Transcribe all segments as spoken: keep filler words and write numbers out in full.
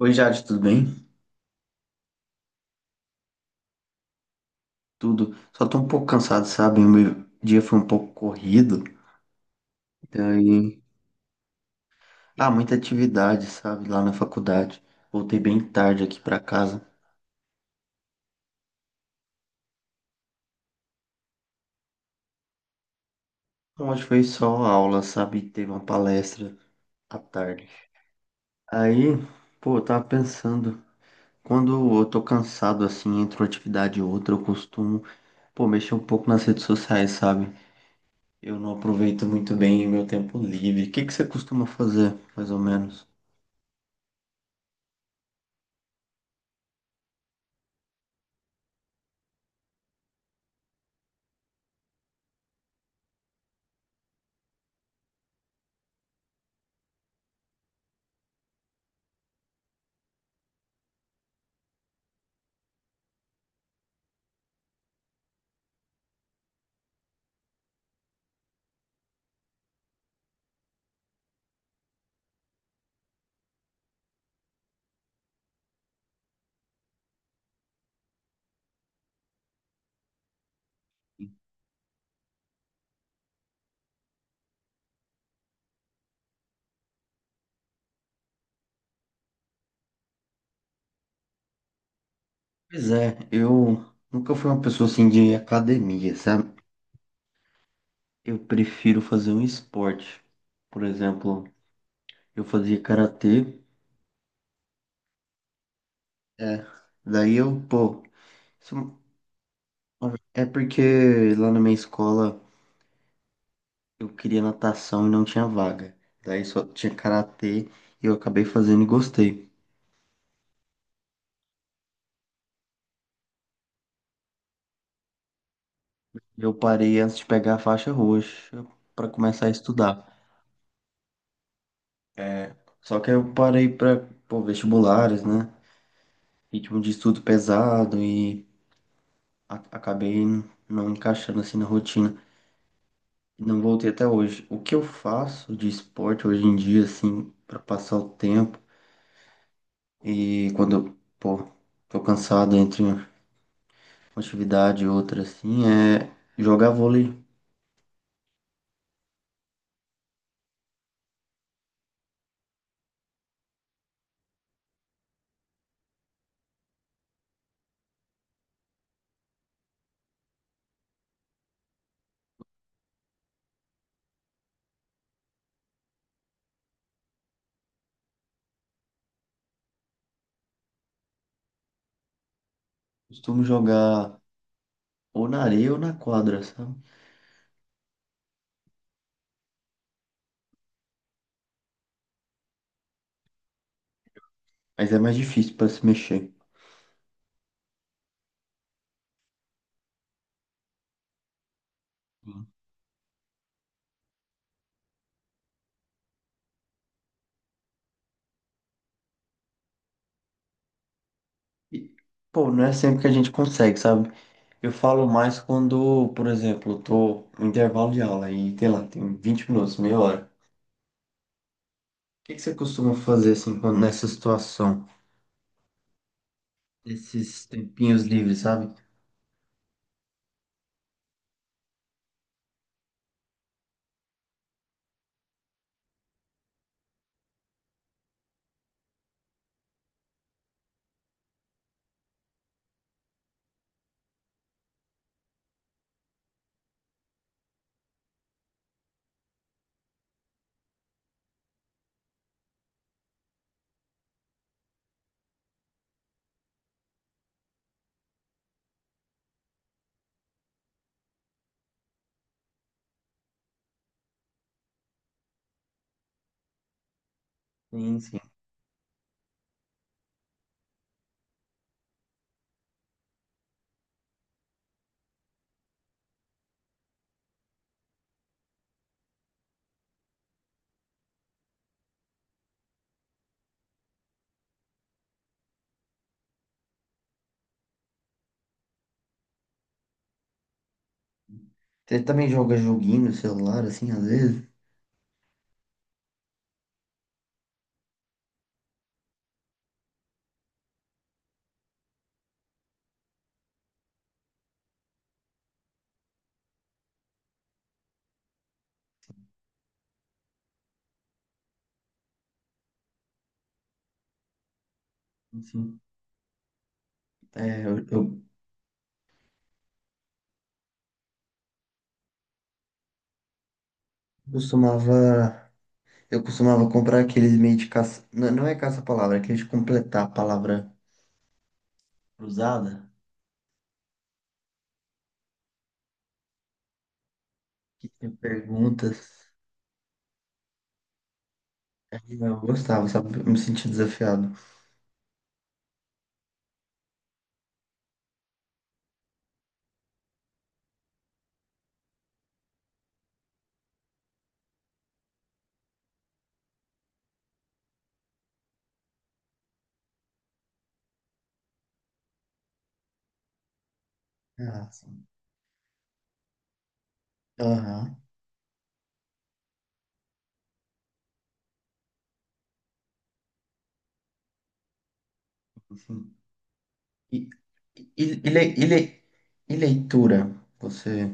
Oi, Jade, tudo bem? Tudo. Só tô um pouco cansado, sabe? O meu dia foi um pouco corrido. Daí. Ah, muita atividade, sabe? Lá na faculdade. Voltei bem tarde aqui pra casa. Então, hoje foi só aula, sabe? Teve uma palestra à tarde. Aí, pô, eu tava pensando. Quando eu tô cansado, assim, entre uma atividade e outra, eu costumo, pô, mexer um pouco nas redes sociais, sabe? Eu não aproveito muito bem o meu tempo livre. O que que você costuma fazer, mais ou menos? Pois é, eu nunca fui uma pessoa assim de academia, sabe? Eu prefiro fazer um esporte. Por exemplo, eu fazia karatê, é. Daí eu, pô, isso é porque lá na minha escola eu queria natação e não tinha vaga. Daí só tinha karatê e eu acabei fazendo e gostei. Eu parei antes de pegar a faixa roxa pra começar a estudar. É, só que aí eu parei pra, pô, vestibulares, né? Ritmo de estudo pesado e a- acabei não encaixando assim na rotina e não voltei até hoje. O que eu faço de esporte hoje em dia, assim, para passar o tempo e quando eu, pô, tô cansado entre uma atividade e outra, assim, é jogar vôlei. Costumo jogar ou na areia ou na quadra, sabe? Mas é mais difícil para se mexer. Sim. E, pô, não é sempre que a gente consegue, sabe? Eu falo mais quando, por exemplo, eu tô no intervalo de aula e, sei lá, tem vinte minutos, meia hora. que que você costuma fazer assim quando- nessa situação? Esses tempinhos livres, sabe? Sim, sim. Você também joga joguinho no celular, assim, às vezes? Sim. É, eu, eu costumava. Eu costumava comprar aqueles meio de caça. Não, não é caça-palavra, é aqueles de completar a palavra cruzada, que tem perguntas. Aí eu gostava, sabe? Eu me sentia desafiado. Ah, sim. Aham. Sim. E, e, e, le- e le- e leitura? Você.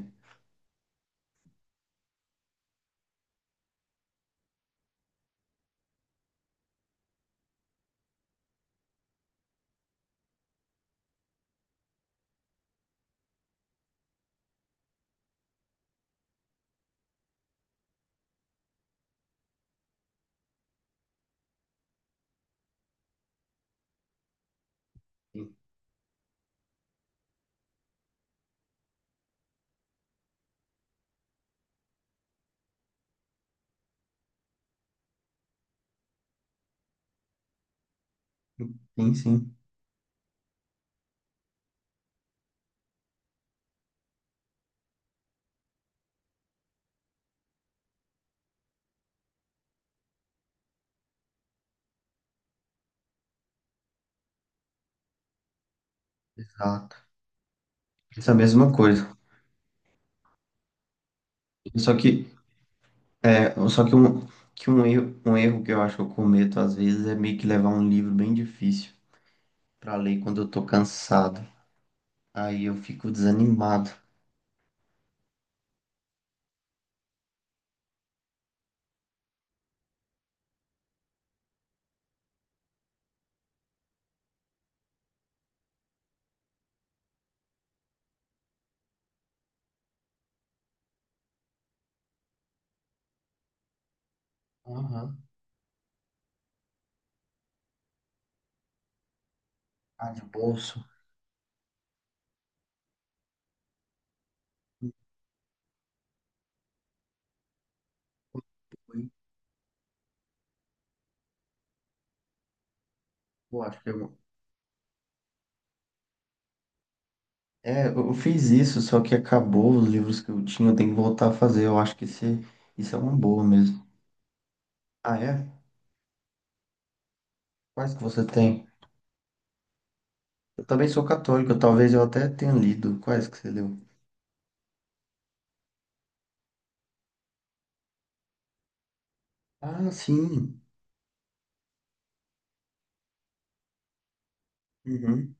Sim, sim. Exato. Penso a mesma coisa. Só que é, só que um que um erro, um erro que eu acho que eu cometo às vezes é meio que levar um livro bem difícil pra ler quando eu tô cansado. Aí eu fico desanimado. Aham. Ah, de bolso. Eu acho que eu... É, eu fiz isso, só que acabou os livros que eu tinha, eu tenho que voltar a fazer. Eu acho que esse, isso é uma boa mesmo. Ah, é? Quais que você tem? Eu também sou católico, talvez eu até tenha lido. Quais que você leu? Ah, sim. Uhum.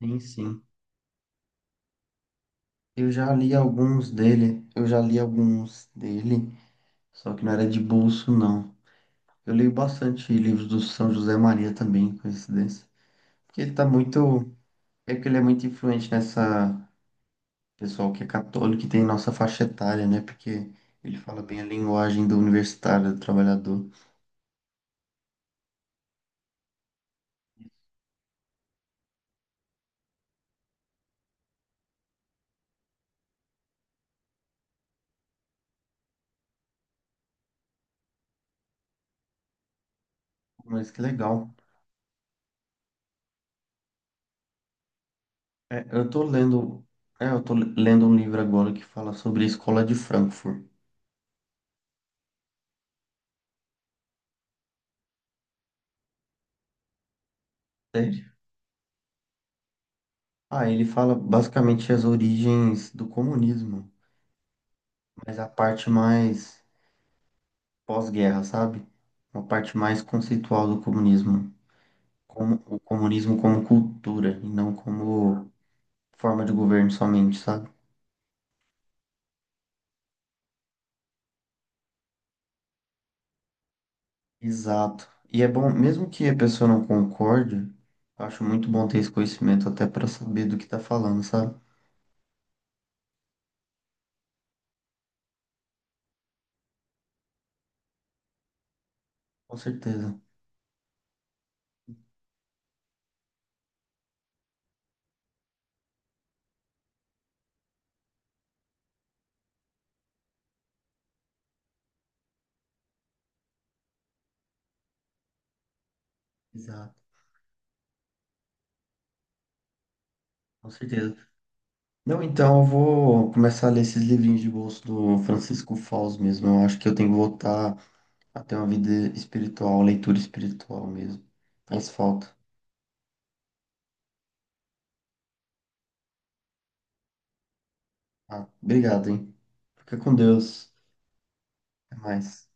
Sim, sim. Eu já li alguns dele, eu já li alguns dele, só que não era de bolso, não. Eu leio bastante livros do São José Maria também, coincidência. Porque ele tá muito. É que ele é muito influente nessa pessoal que é católico e tem nossa faixa etária, né? Porque ele fala bem a linguagem do universitário, do trabalhador. Mas que legal. É, eu tô lendo. É, eu tô lendo um livro agora que fala sobre a escola de Frankfurt. Ah, ele fala basicamente as origens do comunismo, mas a parte mais pós-guerra, sabe? Uma parte mais conceitual do comunismo, como o comunismo como cultura e não como forma de governo somente, sabe? Exato. E é bom, mesmo que a pessoa não concorde, eu acho muito bom ter esse conhecimento até para saber do que tá falando, sabe? Com certeza. Exato. Com certeza. Não, então eu vou começar a ler esses livrinhos de bolso do Francisco Fausto mesmo. Eu acho que eu tenho que voltar até uma vida espiritual, leitura espiritual mesmo. Faz falta. Ah, obrigado, hein? Fica com Deus. Até mais.